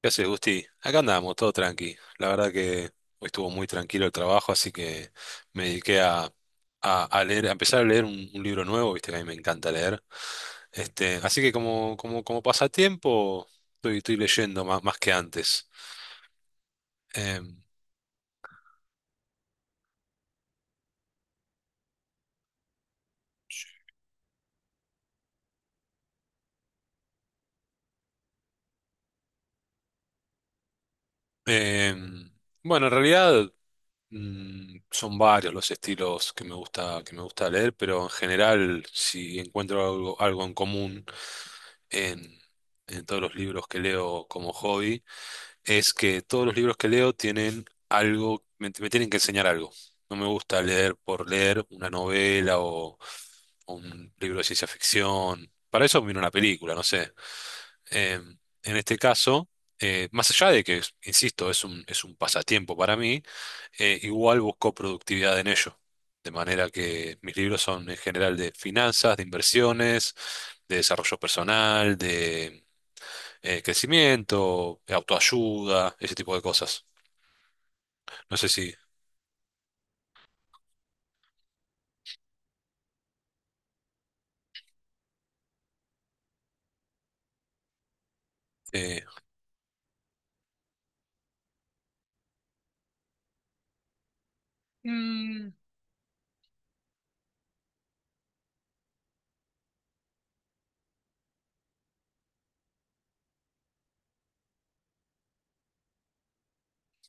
¿Qué haces, Gusti? Acá andamos, todo tranqui. La verdad que hoy estuvo muy tranquilo el trabajo, así que me dediqué a empezar a leer un libro nuevo, viste que a mí me encanta leer. Este, así que como pasatiempo, estoy leyendo más que antes. Em, em, bueno, en realidad son varios los estilos que me gusta leer, pero en general, si encuentro algo en común en, en todos los libros que leo como hobby es que todos los libros que leo tienen me tienen que enseñar algo. No me gusta leer por leer una novela o un libro de ciencia ficción. Para eso miro una película, no sé. Eh, en este caso, más allá de que, insisto, es un pasatiempo para mí, igual busco productividad en ello. De manera que mis libros son en general de finanzas, de inversiones, de desarrollo personal, de crecimiento, autoayuda, ese tipo de cosas. No sé si... eh, Mm,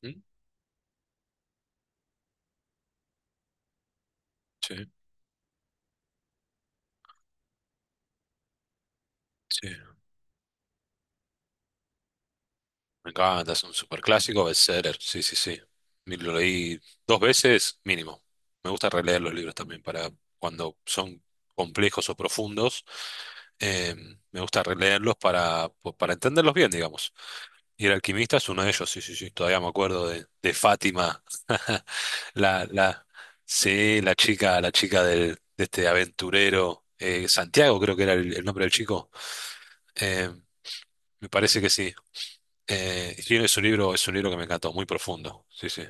¿Mm? Sí, sí. Me encanta, es un superclásico, bestseller. Sí, sí, sí. Me lo leí dos veces mínimo. Me gusta releer los libros también para cuando son complejos o profundos. eh, Me gusta para entenderlos bien, digamos. Y El alquimista es uno de ellos, sí, sí, sí. Todavía me acuerdo de Fátima. La, la, sí, la chica, de este aventurero. Santiago creo que era el nombre del chico. eh, Me parece que sí. Sí, es un libro que me encantó, muy profundo. Sí, sí.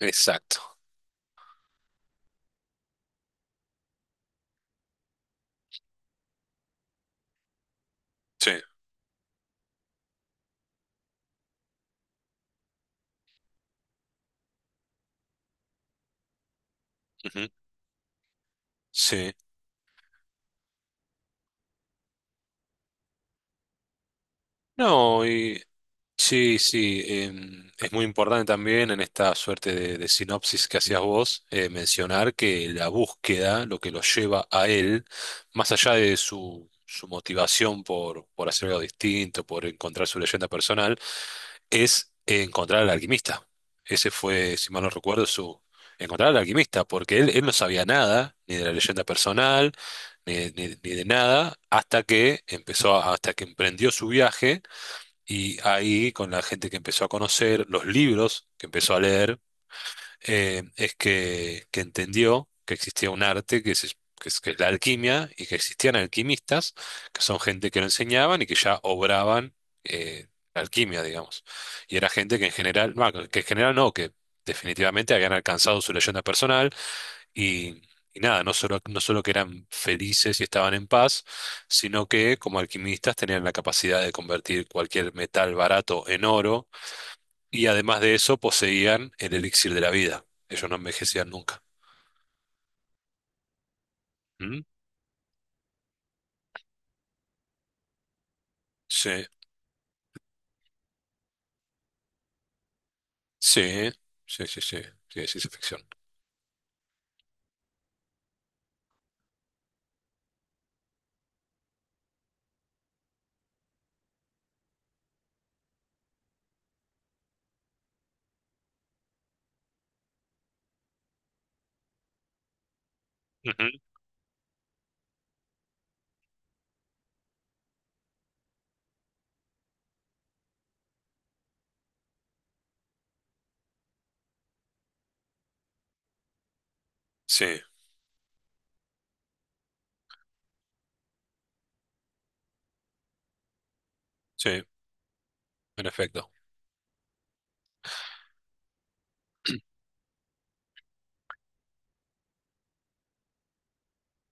Exacto. Sí. Ujú. Sí. No, y sí, sí, es muy importante también en esta suerte de sinopsis que hacías vos, mencionar que la búsqueda, lo que lo lleva a él, más allá de su motivación por hacer algo distinto, por encontrar su leyenda personal, es encontrar al alquimista. Ese fue, si mal no recuerdo, su encontrar al alquimista, porque él no sabía nada, ni de la leyenda personal, ni de nada, hasta que emprendió su viaje y ahí, con la gente que empezó a conocer, los libros que empezó a leer, es que entendió que existía un arte que es la alquimia y que existían alquimistas, que son gente que lo enseñaban y que ya obraban eh, la alquimia, digamos. Y era gente que en general no, que definitivamente habían alcanzado su leyenda personal y, y nada, no solo que eran felices y estaban en paz, sino que como alquimistas tenían la capacidad de convertir cualquier metal barato en oro y además de eso poseían el elixir de la vida. Ellos no envejecían nunca. ¿Mm? Sí, sí, sí, sí, sí, sí, es ciencia ficción. Ujú. Sí, sí, en efecto.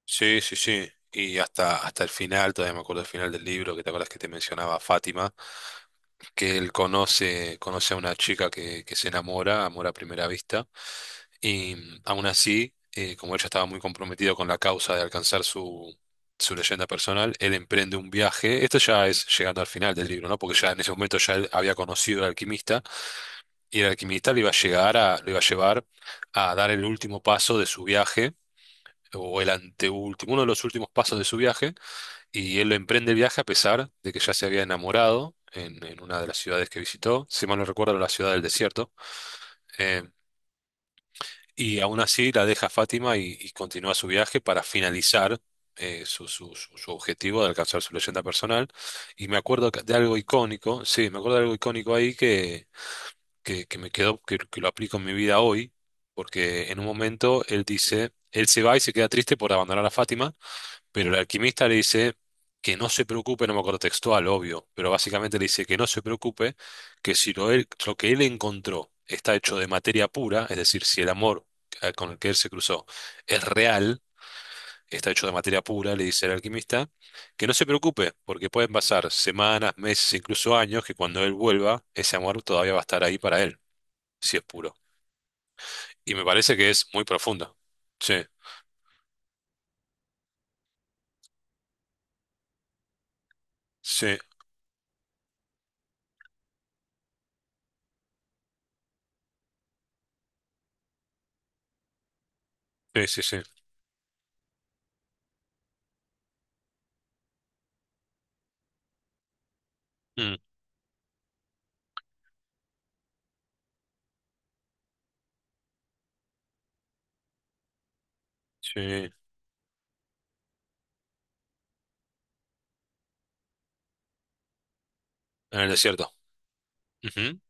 Sí, sí, sí. Y hasta, hasta el final, todavía me acuerdo el final del libro, que te acuerdas que te mencionaba a Fátima. Que él conoce, conoce a una chica que se enamora, amor a primera vista, y aún así, como ella estaba muy comprometido con la causa de alcanzar su leyenda personal, él emprende un viaje, esto ya es llegando al final del libro, ¿no? Porque ya en ese momento ya él había conocido al alquimista, y el alquimista le iba a llevar a dar el último paso de su viaje, o el anteúltimo, uno de los últimos pasos de su viaje y él emprende el viaje a pesar de que ya se había enamorado en una de las ciudades que visitó, si mal no recuerdo, la ciudad del desierto, eh, y aún así la deja a Fátima y continúa su viaje para finalizar su objetivo de alcanzar su leyenda personal. Y me acuerdo de algo icónico, sí, me acuerdo de algo icónico ahí que me quedó, que lo aplico en mi vida hoy, porque en un momento él dice, él se va y se queda triste por abandonar a Fátima pero el alquimista le dice que no se preocupe, no me acuerdo textual, obvio, pero básicamente le dice que no se preocupe, que si lo, él- lo que él encontró está hecho de materia pura, es decir, si el amor con el que él se cruzó es real, está hecho de materia pura, le dice el alquimista, que no se preocupe, porque pueden pasar semanas, meses, incluso años, que cuando él vuelva, ese amor todavía va a estar ahí para él, si es puro. Y me parece que es muy profundo. Sí, sí, sí, sí, sí. Mm, sí, en el desierto. Ujú,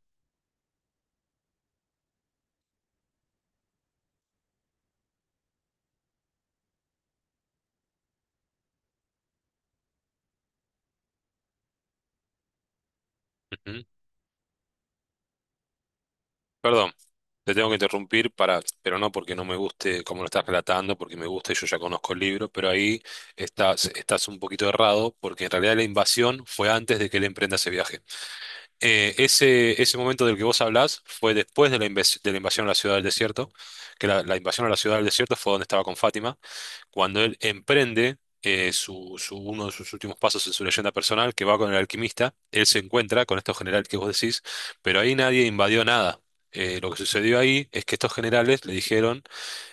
ujú. Perdón, te tengo que interrumpir para, pero no porque no me guste cómo lo estás relatando, porque me gusta y yo ya conozco el libro, pero ahí estás un poquito errado, porque en realidad la invasión fue antes de que él emprenda ese viaje. Ese momento del que vos hablás fue después de de la invasión a la ciudad del desierto, que la invasión a la ciudad del desierto fue donde estaba con Fátima, cuando él emprende uno de sus últimos pasos en su leyenda personal, que va con el alquimista, él se encuentra con estos generales que vos decís, pero ahí nadie invadió nada. Lo que sucedió ahí es que estos generales le dijeron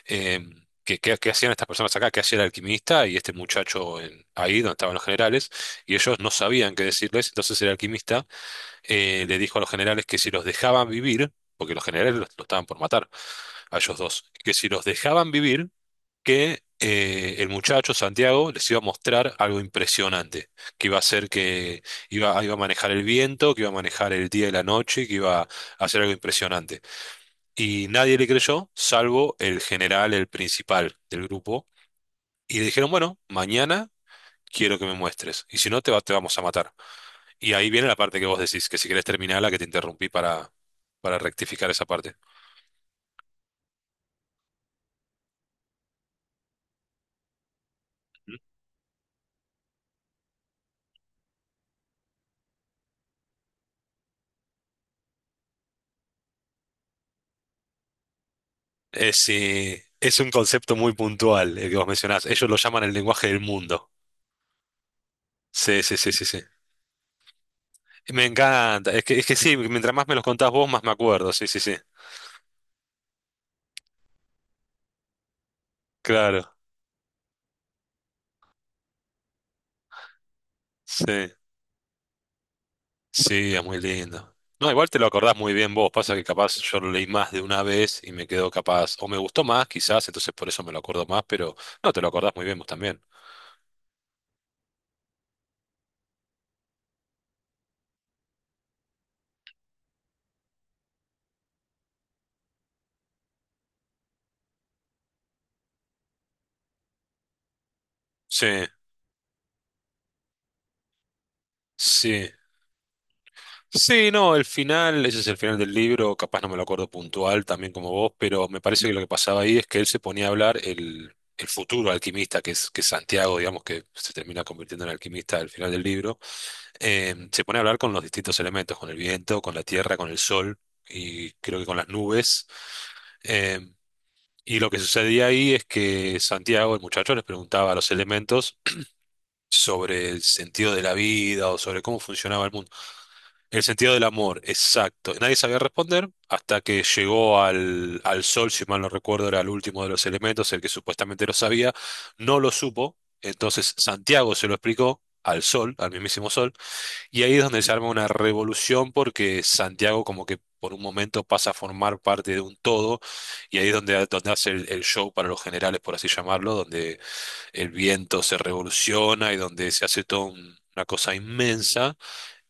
eh, que hacían estas personas acá, que hacía el alquimista y este muchacho ahí donde estaban los generales, y ellos no sabían qué decirles, entonces el alquimista le dijo a los generales que si los dejaban vivir, porque los generales los estaban por matar a ellos dos, que si los dejaban vivir, que el muchacho Santiago les iba a mostrar algo impresionante, que iba a manejar el viento, que iba a manejar el día y la noche, que iba a hacer algo impresionante. Y nadie le creyó, salvo el general, el principal del grupo. Y le dijeron, bueno, mañana quiero que me muestres, y si no te vamos a matar. Y ahí viene la parte que vos decís, que si querés terminarla, que te interrumpí para rectificar esa parte. Es un concepto muy puntual el que vos mencionás. Ellos lo llaman el lenguaje del mundo. Sí, sí, sí, sí, sí. Me encanta. Es que sí, mientras más me los contás vos, más me acuerdo. Sí, sí, sí. Claro. Sí. Sí, es muy lindo. No, igual te lo acordás muy bien vos. Pasa que capaz yo lo leí más de una vez y me quedó capaz. O me gustó más, quizás, entonces por eso me lo acuerdo más, pero no, te lo acordás muy bien vos también. Sí, sí. Sí, no, el final, ese es el final del libro, capaz no me lo acuerdo puntual también como vos, pero me parece que lo que pasaba ahí es que él se ponía a hablar el futuro alquimista, que es Santiago, digamos, que se termina convirtiendo en alquimista al final del libro, se pone a hablar con los distintos elementos, con el viento, con la tierra, con el sol y creo que con las nubes. eh, y lo que sucedía ahí es que Santiago, el muchacho, les preguntaba a los elementos sobre el sentido de la vida o sobre cómo funcionaba el mundo. El sentido del amor, exacto. Nadie sabía responder hasta que llegó al sol, si mal no recuerdo, era el último de los elementos, el que supuestamente lo sabía, no lo supo. Entonces Santiago se lo explicó al sol, al mismísimo sol, y ahí es donde se arma una revolución porque Santiago como que por un momento pasa a formar parte de un todo, y ahí es donde, donde hace el show para los generales, por así llamarlo, donde el viento se revoluciona y donde se hace toda una cosa inmensa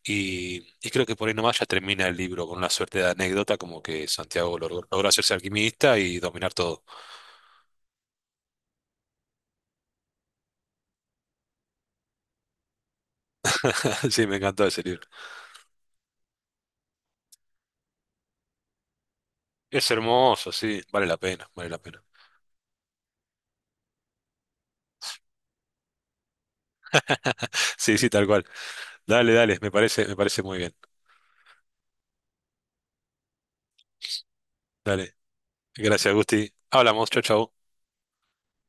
y creo que por ahí nomás ya termina el libro con una suerte de anécdota, como que Santiago logró hacerse alquimista y dominar todo. Sí, me encantó ese libro. Es hermoso, sí, vale la pena, vale la pena. Sí, sí, tal cual. Dale, dale, me parece muy bien. Dale. Gracias, Gusti. Hablamos, chau, chau.